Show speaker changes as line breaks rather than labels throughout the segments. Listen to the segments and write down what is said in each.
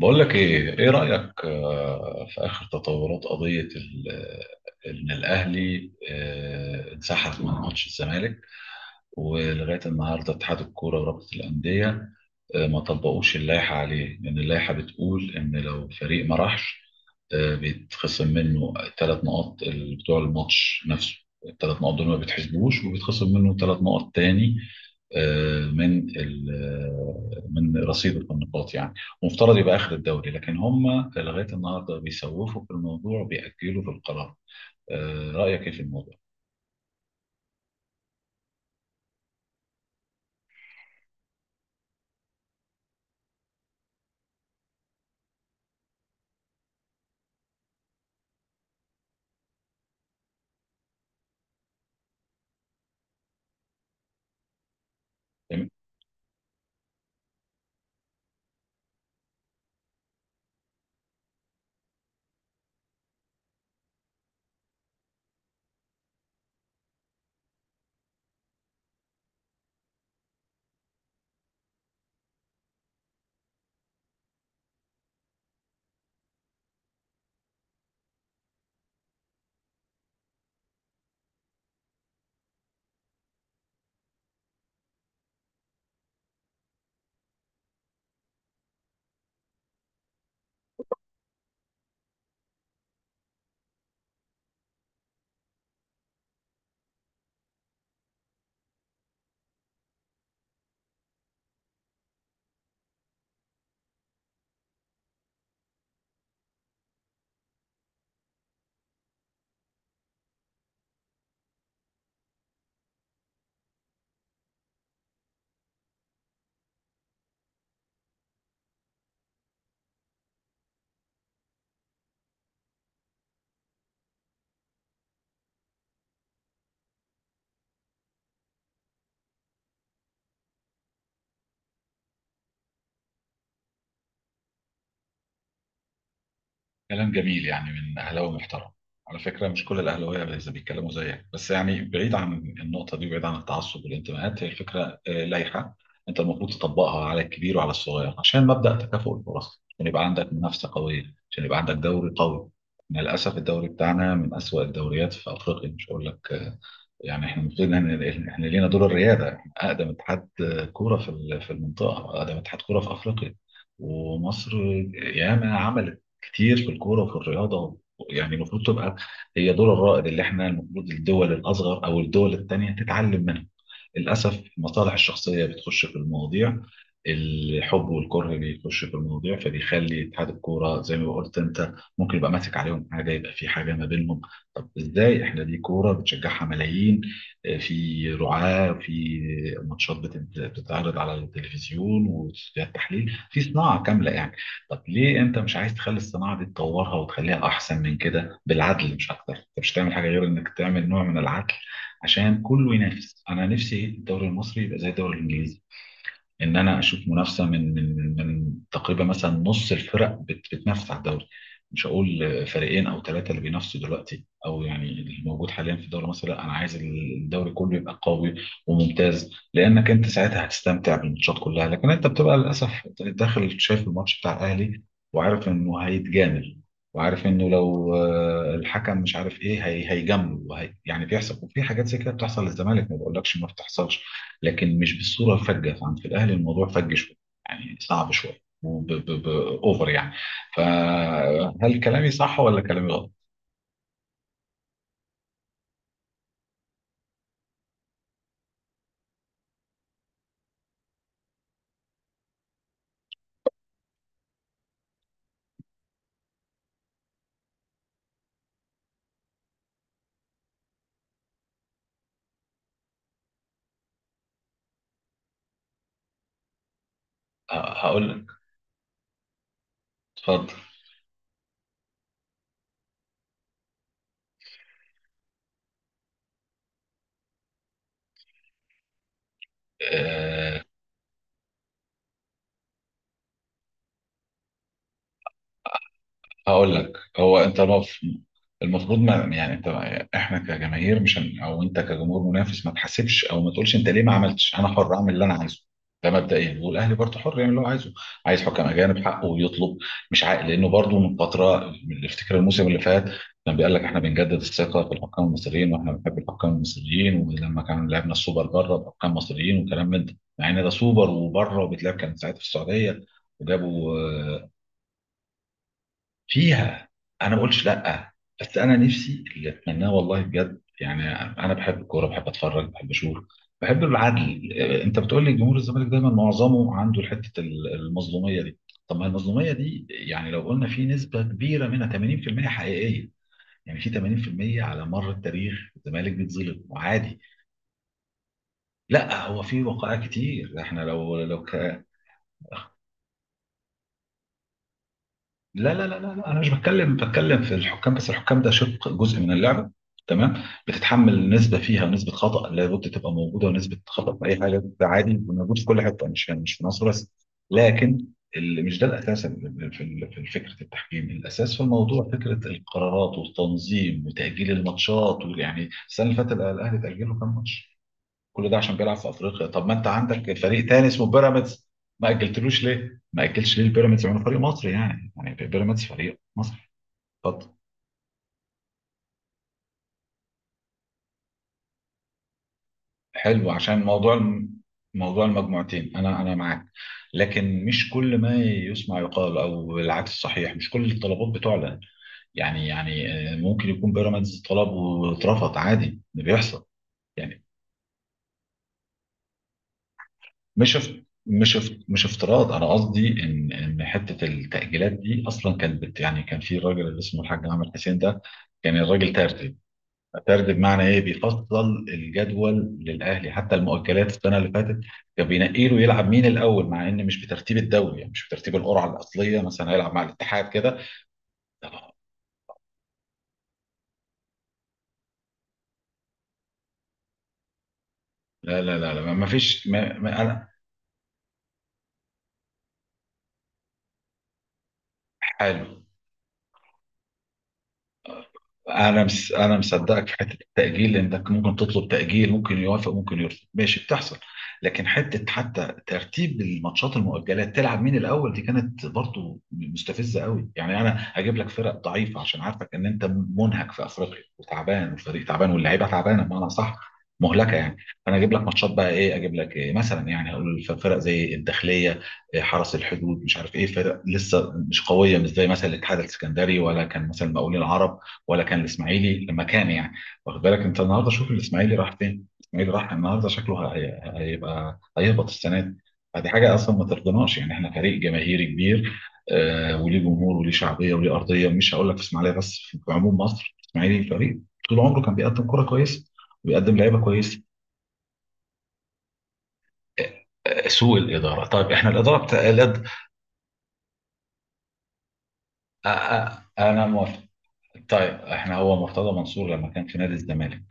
بقول لك ايه ايه رأيك في اخر تطورات قضية ان الاهلي انسحب من ماتش الزمالك ولغايه النهارده اتحاد الكوره ورابطه الانديه ما طبقوش اللائحه عليه لان اللائحه بتقول ان لو فريق ما راحش بيتخصم منه ثلاث نقاط بتوع الماتش نفسه. الثلاث نقاط دول ما بيتحسبوش وبيتخصم منه ثلاث نقط تاني آه، من ال- آه، من رصيد النقاط يعني. ومفترض يبقى اخر الدوري، لكن هم لغايه النهارده بيسوفوا في الموضوع، بيأجلوا في القرار. رأيك ايه في الموضوع؟ كلام جميل، يعني من اهلاوي محترم. على فكره مش كل الاهلاويه زي بيتكلموا زيك، بس يعني بعيد عن النقطه دي وبعيد عن التعصب والانتماءات، هي الفكره لايحه انت المفروض تطبقها على الكبير وعلى الصغير، عشان مبدا تكافؤ الفرص، عشان يبقى عندك منافسه قويه، عشان يبقى عندك دوري قوي. إحنا للاسف الدوري بتاعنا من اسوأ الدوريات في افريقيا، مش هقول لك يعني احنا المفروض إن احنا لينا دور الرياده. احنا اقدم اتحاد كوره في المنطقه، اقدم اتحاد كوره في افريقيا ومصر. ياما عملت كتير في الكوره وفي الرياضه، يعني المفروض تبقى هي دور الرائد اللي احنا المفروض الدول الاصغر او الدول التانيه تتعلم منها. للاسف المصالح الشخصيه بتخش في المواضيع، الحب والكره بيخش في المواضيع، فبيخلي اتحاد الكوره زي ما قلت انت ممكن يبقى ماسك عليهم حاجه، يبقى في حاجه ما بينهم. طب ازاي احنا دي كوره بتشجعها ملايين، في رعاه، في ماتشات بتتعرض على التلفزيون، واستوديوهات تحليل، في صناعه كامله يعني. طب ليه انت مش عايز تخلي الصناعه دي تطورها وتخليها احسن من كده؟ بالعدل مش اكتر، انت مش هتعمل حاجه غير انك تعمل نوع من العدل عشان كله ينافس. انا نفسي الدوري المصري يبقى زي الدوري الانجليزي، ان انا اشوف منافسه من تقريبا مثلا نص الفرق بتنافس على الدوري. مش هقول فريقين او ثلاثه اللي بينافسوا دلوقتي او يعني اللي موجود حاليا في الدوري المصري، لا، انا عايز الدوري كله يبقى قوي وممتاز، لانك انت ساعتها هتستمتع بالماتشات كلها. لكن انت بتبقى للاسف داخل شايف الماتش بتاع الاهلي وعارف انه هيتجامل، وعارف انه لو الحكم مش عارف ايه هي هيجامله يعني بيحصل. وفي حاجات زي كده بتحصل للزمالك، ما بقولكش ما بتحصلش، لكن مش بالصوره الفجه. فعند في الاهلي الموضوع فج شويه يعني، صعب شويه، اوفر يعني. فهل كلامي صح ولا كلامي غلط؟ ه- هقول لك. اتفضل. آه، هقول لك. هو انت المف- المفروض ما يعني انت، احنا كجماهير مش هن او انت كجمهور منافس ما تحاسبش او ما تقولش انت ليه ما عملتش، انا حر اعمل اللي انا عايزه. ده مبدئيا. والاهلي برضه حر يعمل اللي هو عايزه، عايز حكم اجانب حقه ويطلب، مش عاق، لانه برضه من فتره، افتكر الموسم اللي فات كان بيقول لك احنا بنجدد الثقه في الحكام المصريين واحنا بنحب الحكام المصريين، ولما كان لعبنا السوبر بره بحكام مصريين وكلام من ده، مع ان ده سوبر وبره وبيتلعب كان ساعتها في السعوديه وجابوا. فيها، انا ما قلتش لا. بس انا نفسي اللي اتمناه والله بجد يعني، انا بحب الكوره، بحب اتفرج، بحب اشوف، بحب العدل. انت بتقول لي جمهور الزمالك دايما معظمه عنده حته المظلوميه دي. طب ما المظلوميه دي يعني لو قلنا في نسبه كبيره منها 80% حقيقيه، يعني في 80% على مر التاريخ الزمالك بيتظلم وعادي. لا، هو في وقائع كتير. احنا لو لو لا لا لا لا لا، انا مش بتكلم بتكلم في الحكام، بس الحكام ده شق جزء من اللعبه، تمام، بتتحمل نسبه فيها، ونسبه خطا لابد تبقى موجوده، ونسبه خطا في اي حاجه ده عادي، موجود في كل حته، مش يعني مش في مصر بس. لكن اللي مش ده الاساس في فكره التحكيم. الاساس في الموضوع فكره القرارات والتنظيم وتاجيل الماتشات. ويعني السنه اللي فاتت الاهلي تاجله كام ماتش؟ كل ده عشان بيلعب في افريقيا. طب ما انت عندك فريق تاني اسمه بيراميدز، ما اجلتلوش ليه؟ ما اجلش ليه البيراميدز؟ يعني فريق مصري، يعني يعني بيراميدز فريق مصري. اتفضل. حلو، عشان موضوع موضوع المجموعتين انا انا معاك. لكن مش كل ما يسمع يقال، او العكس صحيح، مش كل الطلبات بتعلن. يعني يعني ممكن يكون بيراميدز طلب واترفض، عادي ده بيحصل. يعني مش افتراض. انا قصدي ان ان حته التاجيلات دي اصلا كانت بت، يعني كان في راجل اللي اسمه الحاج عامر حسين ده، كان الراجل تردد. تردد بمعنى ايه؟ بيفصل الجدول للاهلي حتى المؤجلات السنه اللي فاتت، كان بينقي له يلعب مين الاول، مع ان مش بترتيب الدوري، يعني مش بترتيب القرعه الاصليه، مثلا هيلعب مع الاتحاد كده. لا لا لا لا ما فيش، ما انا. حلو. انا مصدقك في حته التاجيل، انك ممكن تطلب تاجيل، ممكن يوافق ممكن يرفض، ماشي بتحصل. لكن حته حتى ترتيب الماتشات المؤجلات تلعب مين الاول دي كانت برضو مستفزه قوي. يعني انا هجيب لك فرق ضعيفه عشان عارفك ان انت منهك في افريقيا وتعبان والفريق تعبان واللعيبه تعبانه، بمعنى صح، مهلكه يعني. فانا اجيب لك ماتشات بقى ايه؟ اجيب لك إيه؟ مثلا يعني هقول فرق زي الداخليه، إيه، حرس الحدود، مش عارف ايه، فرق لسه مش قويه، مش زي مثلا الاتحاد السكندري، ولا كان مثلا المقاولين العرب، ولا كان الاسماعيلي لما كان يعني. واخد بالك انت النهارده شوف الاسماعيلي راح فين؟ الاسماعيلي راح، النهارده شكله هيبقى هيهبط السنه دي. فدي حاجه اصلا ما ترضناش، يعني احنا فريق جماهيري كبير، آه، وليه جمهور وليه شعبيه وليه ارضيه. مش هقول لك في اسماعيليه بس، في عموم مصر الاسماعيلي فريق طول عمره كان بيقدم كره كويسه وبيقدم لعيبه كويسه. آه، سوء الاداره. طيب احنا الاداره بتاع انا موافق. طيب احنا هو مرتضى منصور لما كان في نادي الزمالك،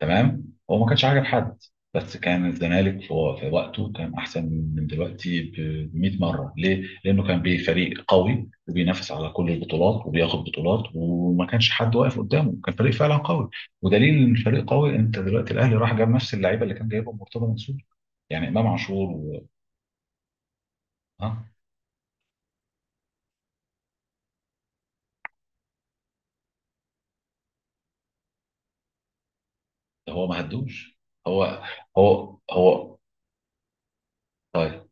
تمام، هو ما كانش عاجب حد، بس كان الزمالك في في وقته كان احسن من دلوقتي ب 100 مره. ليه؟ لانه كان بفريق قوي وبينافس على كل البطولات وبياخد بطولات وما كانش حد واقف قدامه، كان فريق فعلا قوي. ودليل ان الفريق قوي انت دلوقتي الاهلي راح جاب نفس اللعيبه اللي كان جايبهم مرتضى منصور، يعني امام عاشور و... ها، ده هو ما هدوش. هو هو طيب.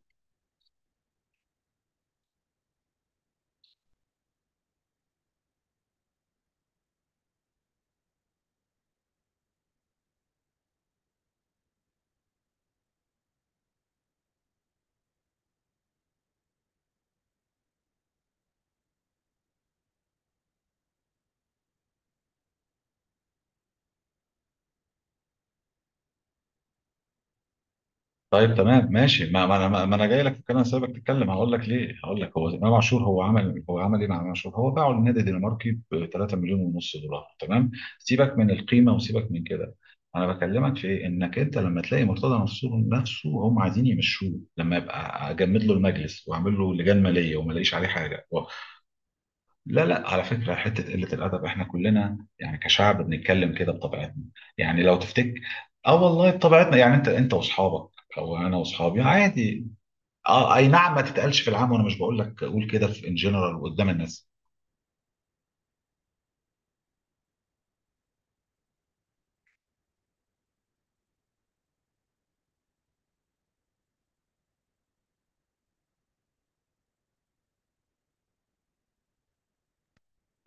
طيب تمام ماشي، ما ما انا ما ما انا جاي لك في الكلام، سايبك تتكلم هقول لك ليه. هقول لك، هو امام عاشور هو عمل، هو عمل ايه مع امام عاشور؟ هو باعه للنادي الدنماركي ب 3 مليون ونص دولار، تمام. سيبك من القيمه وسيبك من كده، انا بكلمك في إيه؟ انك انت لما تلاقي مرتضى منصور نفسه هم عايزين يمشوه، لما يبقى اجمد له المجلس واعمل له لجان ماليه وما الاقيش عليه حاجه. لا لا، على فكرة حتة قلة الأدب إحنا كلنا يعني كشعب بنتكلم كده بطبيعتنا، يعني لو تفتك. آه والله، بطبيعتنا يعني، أنت أنت وأصحابك، أو أنا وأصحابي، عادي. آه أي نعم ما تتقالش في العام، وأنا مش بقول لك قول كده في إن جنرال قدام الناس.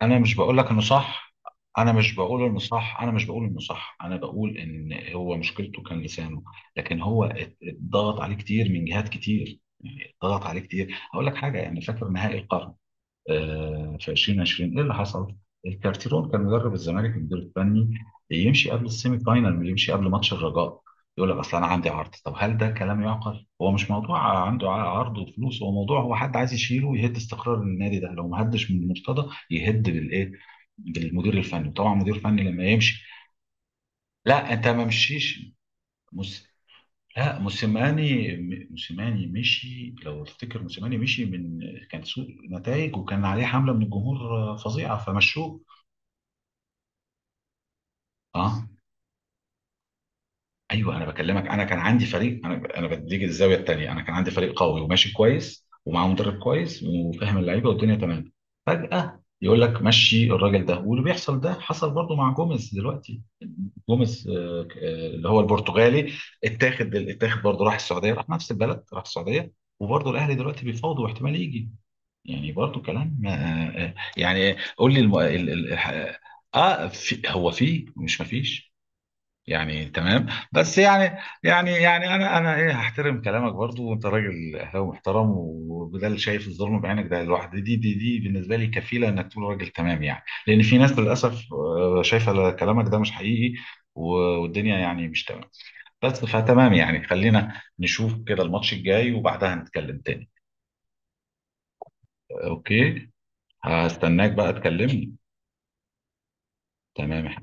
أنا مش بقول لك إنه صح أنا مش بقول إنه صح أنا مش بقول إنه صح. أنا بقول إن هو مشكلته كان لسانه. لكن هو اتضغط عليه كتير من جهات كتير، اتضغط عليه كتير. هقول لك حاجة، يعني فاكر نهائي القرن؟ في 2020 ايه اللي حصل؟ الكارتيرون كان مدرب الزمالك المدير الفني، يمشي قبل السيمي فاينال، يمشي قبل ماتش الرجاء. يقول لك اصل انا عندي عرض. طب هل ده كلام يعقل؟ هو مش موضوع عنده عرض وفلوس، هو موضوع هو حد عايز يشيله ويهد استقرار النادي ده. لو ما هدش من المرتضى يهد بالايه؟ بالمدير الفني، وطبعا المدير الفني لما يمشي. لا انت ما مشيش. لا موسيماني، موسيماني مشي لو تفتكر. موسيماني مشي من، كان سوء نتائج وكان عليه حملة من الجمهور فظيعة، فمشوه. اه، أيوه. أنا باكلمك، أنا كان عندي فريق، أنا بديك الزاوية التانية، أنا كان عندي فريق قوي وماشي كويس ومعاه مدرب كويس وفاهم اللعيبة والدنيا تمام، فجأة يقول لك مشي الراجل ده. واللي بيحصل ده حصل برضو مع جوميز دلوقتي. جوميز اللي هو البرتغالي، اتاخد، اتاخد برضه، راح السعوديه، راح نفس البلد، راح السعوديه. وبرضه الاهلي دلوقتي بيفاوضوا واحتمال يجي، يعني برضه كلام. يعني قول لي الم... ال... ال... الح- اه، في، هو في، مش ما فيش يعني تمام. بس يعني انا انا ايه، هحترم كلامك برضو، وانت راجل اهلاوي محترم، وده اللي شايف الظلم بعينك ده لوحده دي بالنسبه لي كفيله انك تقول راجل تمام يعني. لان في ناس للاسف شايفه كلامك ده مش حقيقي و- والدنيا يعني مش تمام بس. فتمام يعني، خلينا نشوف كده الماتش الجاي وبعدها نتكلم تاني. اوكي، هستناك بقى تكلمني. تمام.